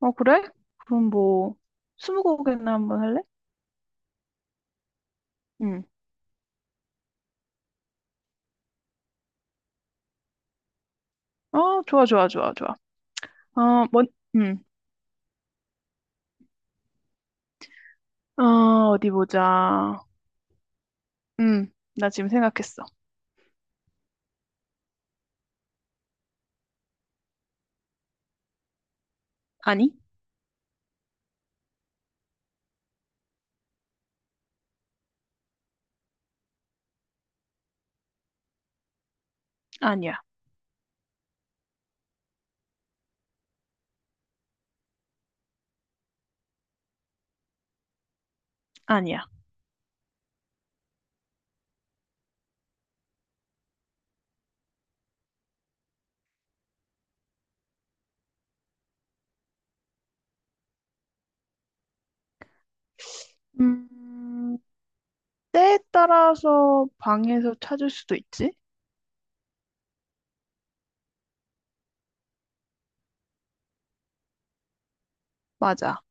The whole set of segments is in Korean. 어, 그래? 그럼 뭐, 스무고개나 한번 할래? 응. 어, 좋아, 좋아, 좋아, 좋아. 어, 응. 어, 어디 보자. 응. 나 지금 생각했어. 아니? 아니야, 아니야. 음, 때에 따라서 방에서 찾을 수도 있지? 맞아.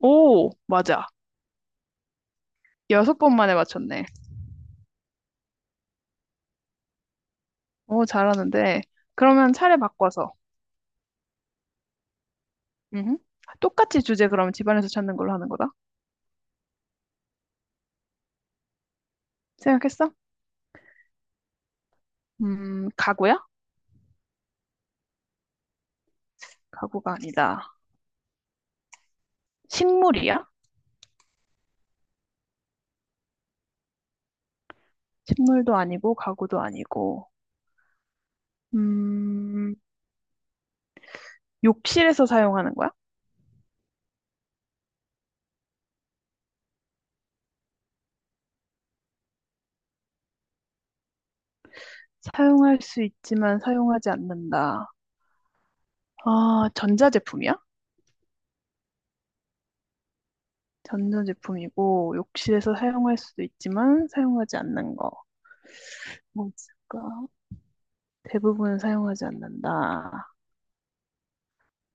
오, 맞아. 여섯 번 만에 맞췄네. 오, 잘하는데. 그러면 차례 바꿔서. 응. 똑같이 주제 그럼 집안에서 찾는 걸로 하는 거다. 생각했어? 가구야? 가구가 아니다. 식물이야? 식물도 아니고 가구도 아니고 음, 욕실에서 사용하는 거야? 사용할 수 있지만 사용하지 않는다. 아, 전자제품이야? 전자제품이고 욕실에서 사용할 수도 있지만 사용하지 않는 거. 뭐 있을까? 대부분 사용하지 않는다.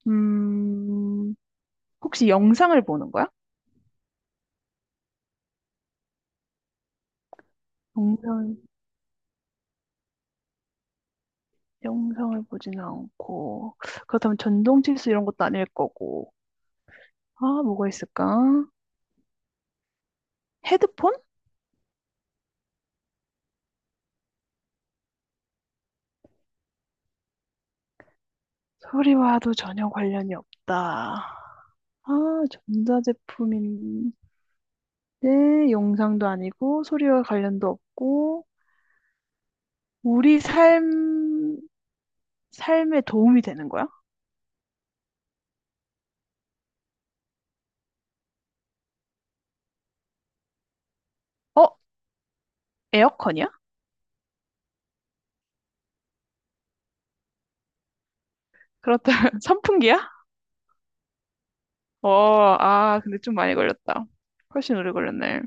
음, 혹시 영상을 보는 거야? 영상, 영상을 보지는 않고 그렇다면 전동 칫솔 이런 것도 아닐 거고. 아, 뭐가 있을까? 헤드폰? 소리와도 전혀 관련이 없다. 아, 전자제품인데 영상도 아니고 소리와 관련도 없고 우리 삶 삶에 도움이 되는 거야? 어, 에어컨이야? 그렇다면 선풍기야? 어, 아, 근데 좀 많이 걸렸다. 훨씬 오래 걸렸네.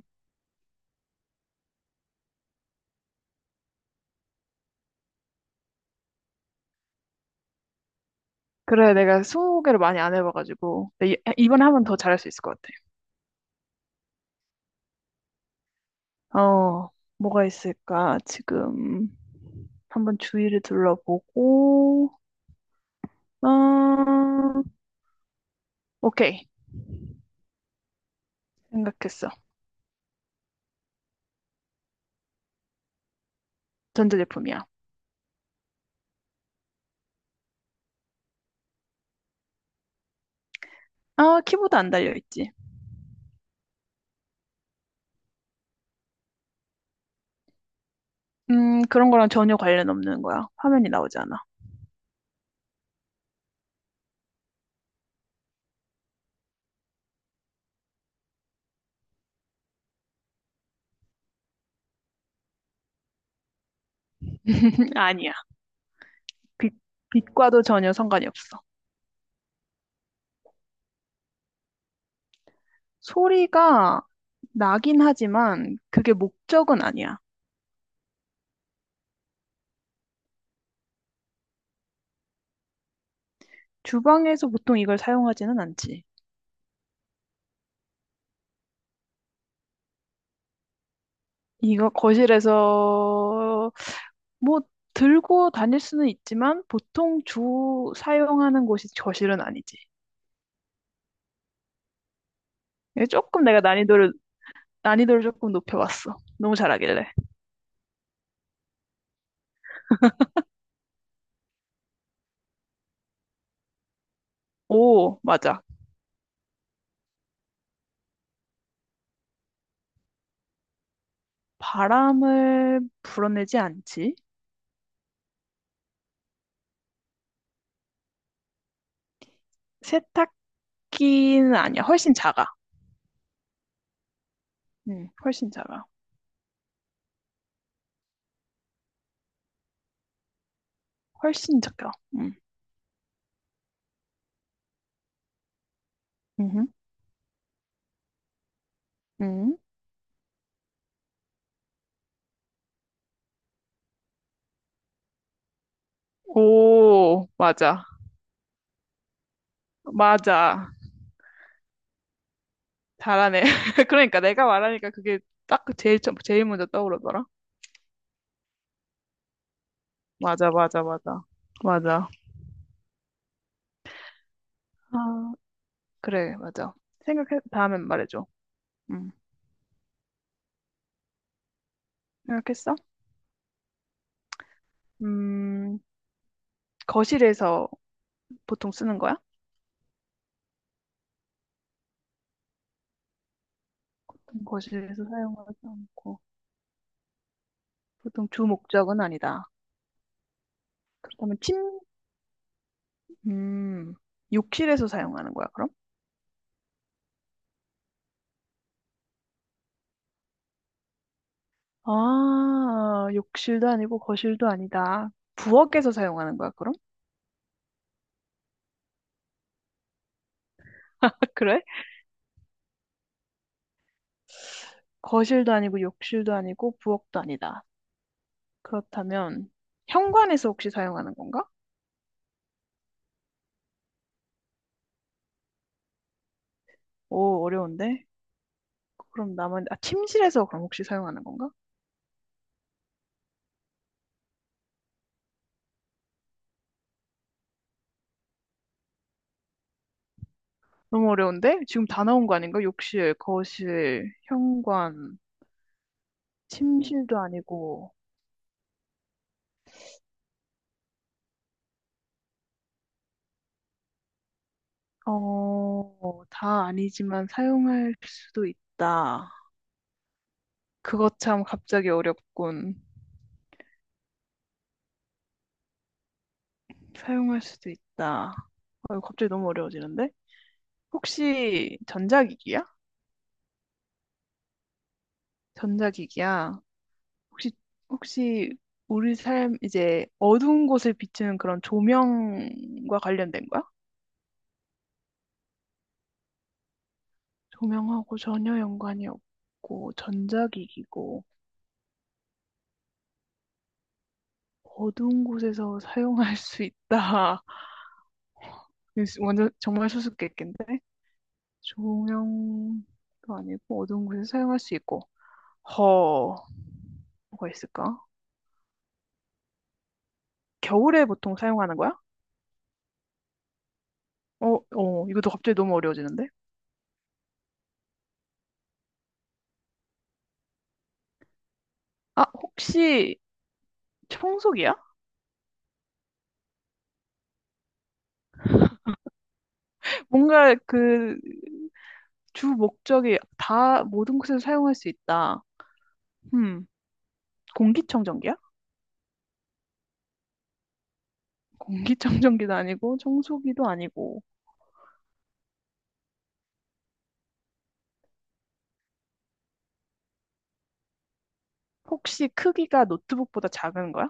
그래, 내가 소개를 많이 안 해봐가지고 근데 이번에 하면 더 잘할 수 있을 것 같아. 어, 뭐가 있을까? 지금 한번 주위를 둘러보고. 어... 오케이. 생각했어. 전자제품이야. 아, 키보드 안 달려있지. 그런 거랑 전혀 관련 없는 거야. 화면이 나오지 않아. 아니야. 빛, 빛과도 전혀 상관이 없어. 소리가 나긴 하지만 그게 목적은 아니야. 주방에서 보통 이걸 사용하지는 않지. 이거 거실에서 뭐 들고 다닐 수는 있지만 보통 주 사용하는 곳이 거실은 아니지. 이게 조금 내가 난이도를 조금 높여봤어. 너무 잘하길래. 오, 맞아. 바람을 불어내지 않지. 세탁기는 아니야. 훨씬 작아. 훨씬 작아. 훨씬 작아. 음, 음. 오, 맞아. 맞아. 잘하네. 그러니까 내가 말하니까 그게 딱 그 제일, 제일 먼저 떠오르더라. 맞아, 맞아, 맞아. 맞아. 아, 그래, 맞아. 생각해, 다음엔 말해줘. 음, 생각했어? 음, 거실에서 보통 쓰는 거야? 거실에서 사용하지 않고. 보통 주 목적은 아니다. 그렇다면 음, 욕실에서 사용하는 거야, 그럼? 아, 욕실도 아니고 거실도 아니다. 부엌에서 사용하는 거야, 그럼? 그래? 거실도 아니고 욕실도 아니고 부엌도 아니다. 그렇다면 현관에서 혹시 사용하는 건가? 오, 어려운데? 그럼 남은, 아, 침실에서 그럼 혹시 사용하는 건가? 너무 어려운데? 지금 다 나온 거 아닌가? 욕실, 거실, 현관, 침실도 아니고 어, 다 아니지만 사용할 수도 있다. 그거 참 갑자기 어렵군. 사용할 수도 있다. 어, 이거 갑자기 너무 어려워지는데? 혹시 전자기기야? 전자기기야. 혹시, 혹시 우리 삶, 이제 어두운 곳을 비추는 그런 조명과 관련된 거야? 조명하고 전혀 연관이 없고, 전자기기고, 어두운 곳에서 사용할 수 있다. 완전, 정말 수수께끼인데? 조명도 아니고 어두운 곳에서 사용할 수 있고. 허, 뭐가 있을까? 겨울에 보통 사용하는 거야? 어, 이것도 갑자기 너무 어려워지는데? 아, 혹시 청소기야? 뭔가 그 주 목적이 다 모든 곳에서 사용할 수 있다. 음, 공기청정기야? 공기청정기도 아니고 청소기도 아니고. 혹시 크기가 노트북보다 작은 거야?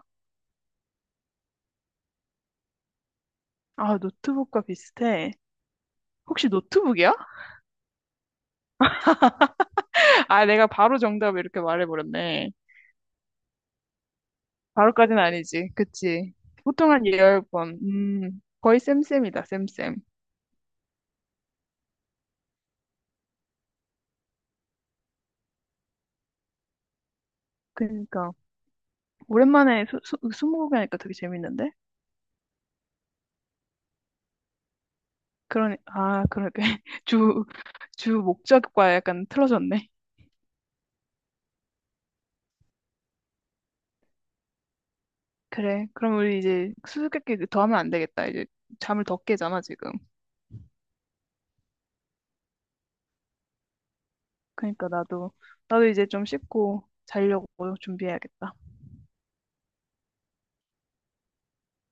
아, 노트북과 비슷해. 혹시 노트북이야? 아, 내가 바로 정답을 이렇게 말해버렸네. 바로까지는 아니지. 그치. 보통 한 열 번. 거의 쌤쌤이다, 쌤쌤. 그니까. 오랜만에 스무고개 하니까 되게 재밌는데? 그러니, 아, 그러게. 주, 주 목적과 약간 틀어졌네. 그래. 그럼 우리 이제 수수께끼 더 하면 안 되겠다. 이제 잠을 더 깨잖아, 지금. 그니까 나도 이제 좀 씻고 자려고 준비해야겠다.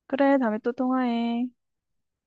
그래, 다음에 또 통화해.